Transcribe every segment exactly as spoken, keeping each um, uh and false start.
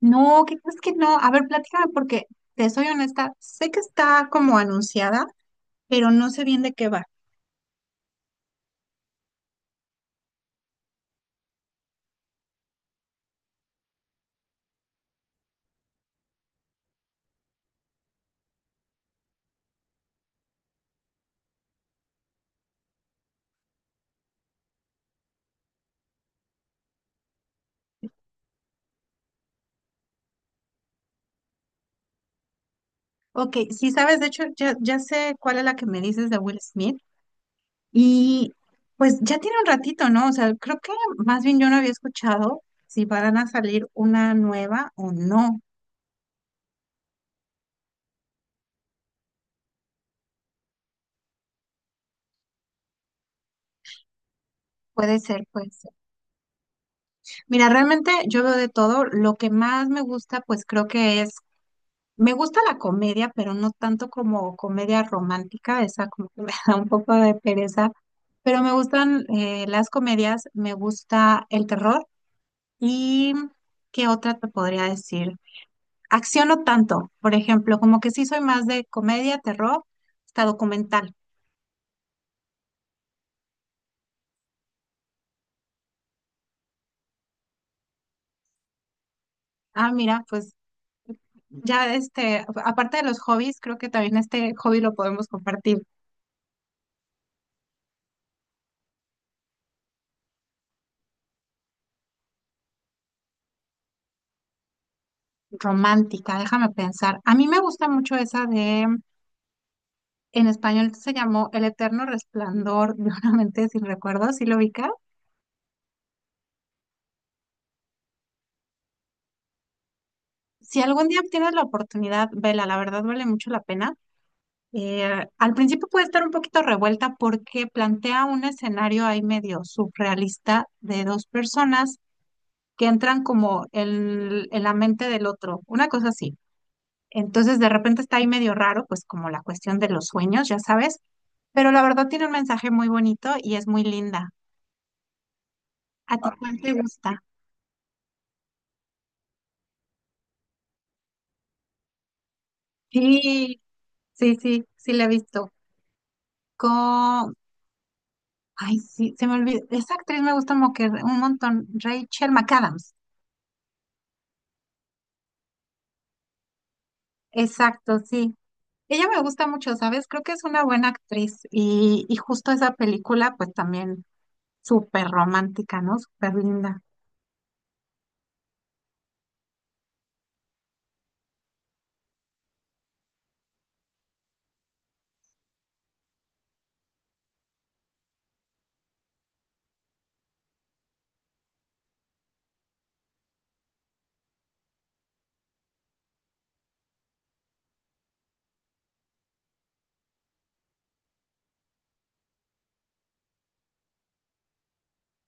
No, ¿qué crees que no? A ver, platícame porque te soy honesta, sé que está como anunciada, pero no sé bien de qué va. Ok, sí sabes, de hecho ya, ya sé cuál es la que me dices de Will Smith y pues ya tiene un ratito, ¿no? O sea, creo que más bien yo no había escuchado si van a salir una nueva o no. Puede ser, puede ser. Mira, realmente yo veo de todo. Lo que más me gusta, pues creo que es... Me gusta la comedia, pero no tanto como comedia romántica, esa como que me da un poco de pereza, pero me gustan eh, las comedias, me gusta el terror y ¿qué otra te podría decir? Acción no tanto, por ejemplo, como que sí soy más de comedia, terror, hasta documental. Ah, mira, pues ya este, aparte de los hobbies, creo que también este hobby lo podemos compartir, romántica, déjame pensar. A mí me gusta mucho esa de... En español se llamó El Eterno Resplandor de una mente sin recuerdos, ¿sí lo ubicas? Si algún día tienes la oportunidad, vela, la verdad vale mucho la pena. Eh, al principio puede estar un poquito revuelta porque plantea un escenario ahí medio surrealista de dos personas que entran como el- en la mente del otro, una cosa así. Entonces de repente está ahí medio raro, pues como la cuestión de los sueños, ya sabes, pero la verdad tiene un mensaje muy bonito y es muy linda. ¿A ti ah, cuál te gusta? Sí, sí, sí, sí la he visto. Con... Ay, sí, se me olvidó. Esa actriz me gusta mo- que un montón. Rachel McAdams. Exacto, sí. Ella me gusta mucho, ¿sabes? Creo que es una buena actriz. Y, y justo esa película, pues también súper romántica, ¿no? Súper linda.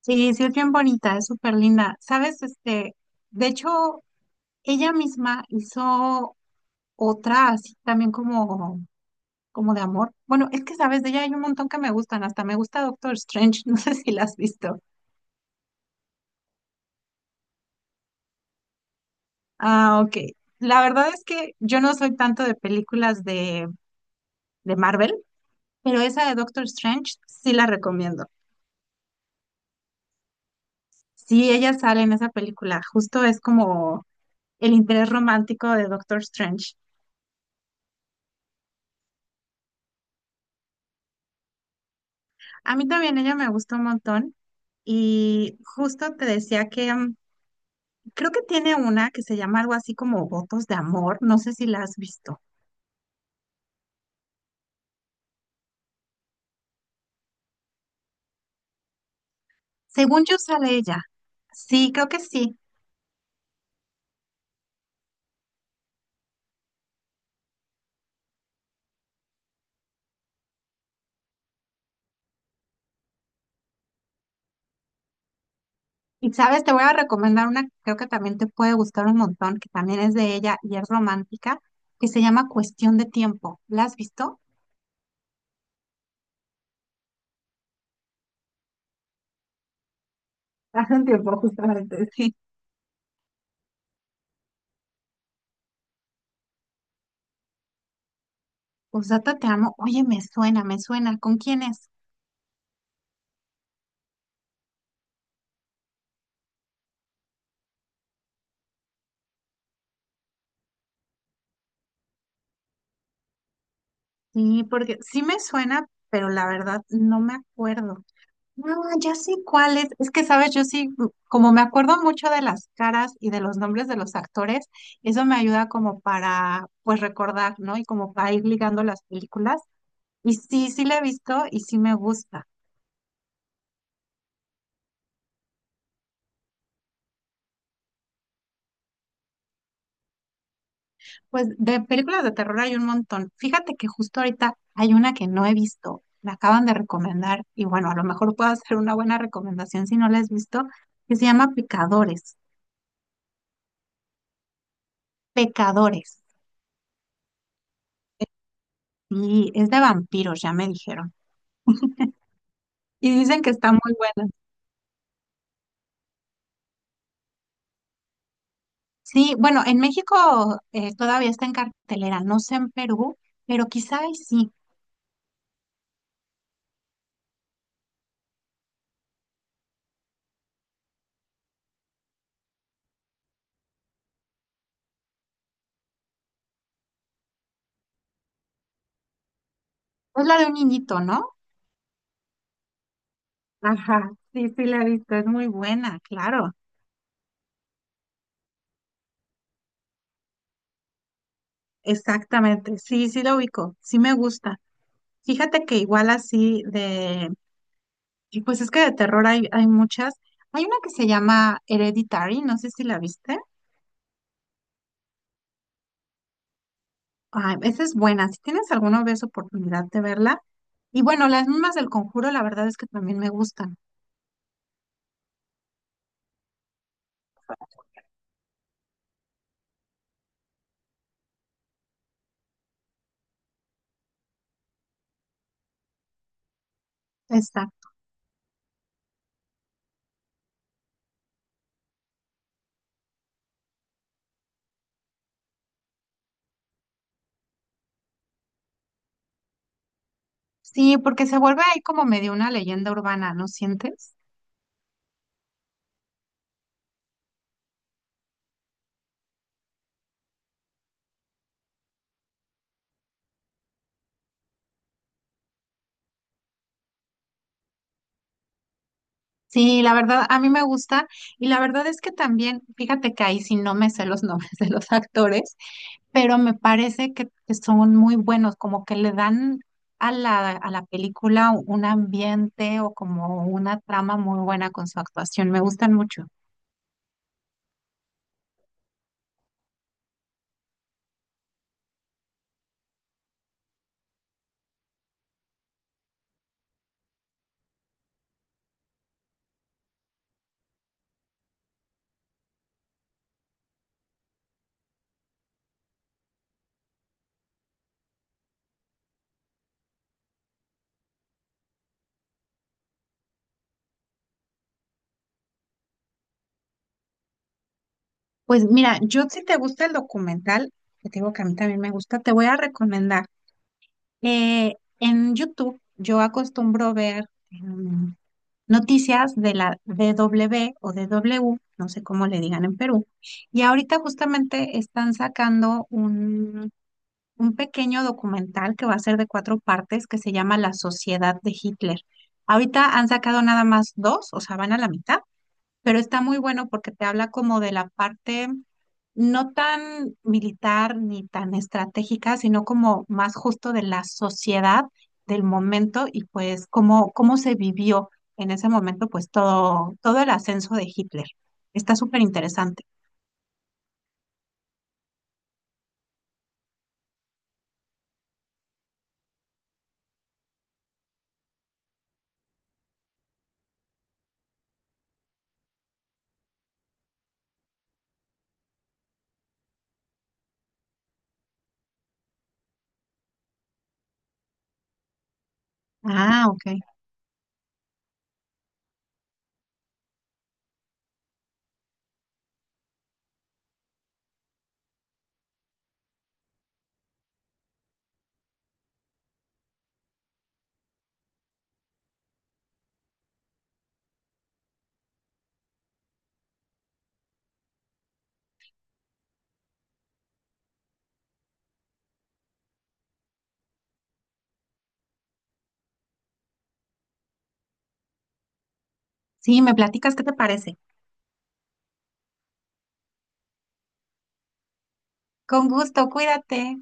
Sí, sí, es bien bonita, es súper linda. ¿Sabes? Este, de hecho, ella misma hizo otra así también como... como de amor. Bueno, es que sabes, de ella hay un montón que me gustan, hasta me gusta Doctor Strange, no sé si la has visto. Ah, ok. La verdad es que yo no soy tanto de películas de, de Marvel, pero esa de Doctor Strange sí la recomiendo. Sí, ella sale en esa película, justo es como el interés romántico de Doctor Strange. A mí también ella me gustó un montón y justo te decía que mm, creo que tiene una que se llama algo así como Votos de Amor, no sé si la has visto. Según yo sale ella. Sí, creo que sí. Y sabes, te voy a recomendar una que creo que también te puede gustar un montón, que también es de ella y es romántica, que se llama Cuestión de Tiempo. ¿La has visto? Hace un tiempo, justamente. Sí. Posdata, te amo. Oye, me suena, me suena. ¿Con quién es? Sí, porque sí me suena, pero la verdad no me acuerdo. No, ya sé cuál es. Es que, sabes, yo sí, mm, como me acuerdo mucho de las caras y de los nombres de los actores, eso me ayuda como para, pues, recordar, ¿no? Y como para ir ligando las películas. Y sí, sí la he visto y sí me gusta. Pues de películas de terror hay un montón. Fíjate que justo ahorita hay una que no he visto. Me acaban de recomendar y bueno, a lo mejor puedo hacer una buena recomendación si no la has visto, que se llama Pecadores. Pecadores. Y es de vampiros, ya me dijeron. Y dicen que está muy buena. Sí, bueno, en México eh, todavía está en cartelera, no sé en Perú, pero quizá ahí sí. Es la de un niñito, ¿no? Ajá, sí, sí la he visto, es muy buena, claro. Exactamente, sí, sí la ubico, sí me gusta. Fíjate que igual así de, y pues es que de terror hay, hay muchas. Hay una que se llama Hereditary, no sé si la viste. Ay, esa es buena, si tienes alguna vez oportunidad de verla. Y bueno, las mismas del Conjuro, la verdad es que también me gustan. Sí, porque se vuelve ahí como medio una leyenda urbana, ¿no sientes? Sí, la verdad, a mí me gusta y la verdad es que también, fíjate que ahí sí no me sé los nombres de los actores, pero me parece que, que son muy buenos, como que le dan a la, a la película un ambiente o como una trama muy buena con su actuación, me gustan mucho. Pues mira, yo si te gusta el documental, que te digo que a mí también me gusta, te voy a recomendar. Eh, en YouTube yo acostumbro ver... noticias de la D W o D W, no sé cómo le digan en Perú, y ahorita justamente están sacando un, un pequeño documental que va a ser de cuatro partes que se llama La Sociedad de Hitler. Ahorita han sacado nada más dos, o sea, van a la mitad, pero está muy bueno porque te habla como de la parte no tan militar ni tan estratégica, sino como más justo de la sociedad del momento y pues cómo, cómo se vivió en ese momento pues todo, todo el ascenso de Hitler. Está súper interesante. Ah, ok. Sí, me platicas qué te parece. Con gusto, cuídate.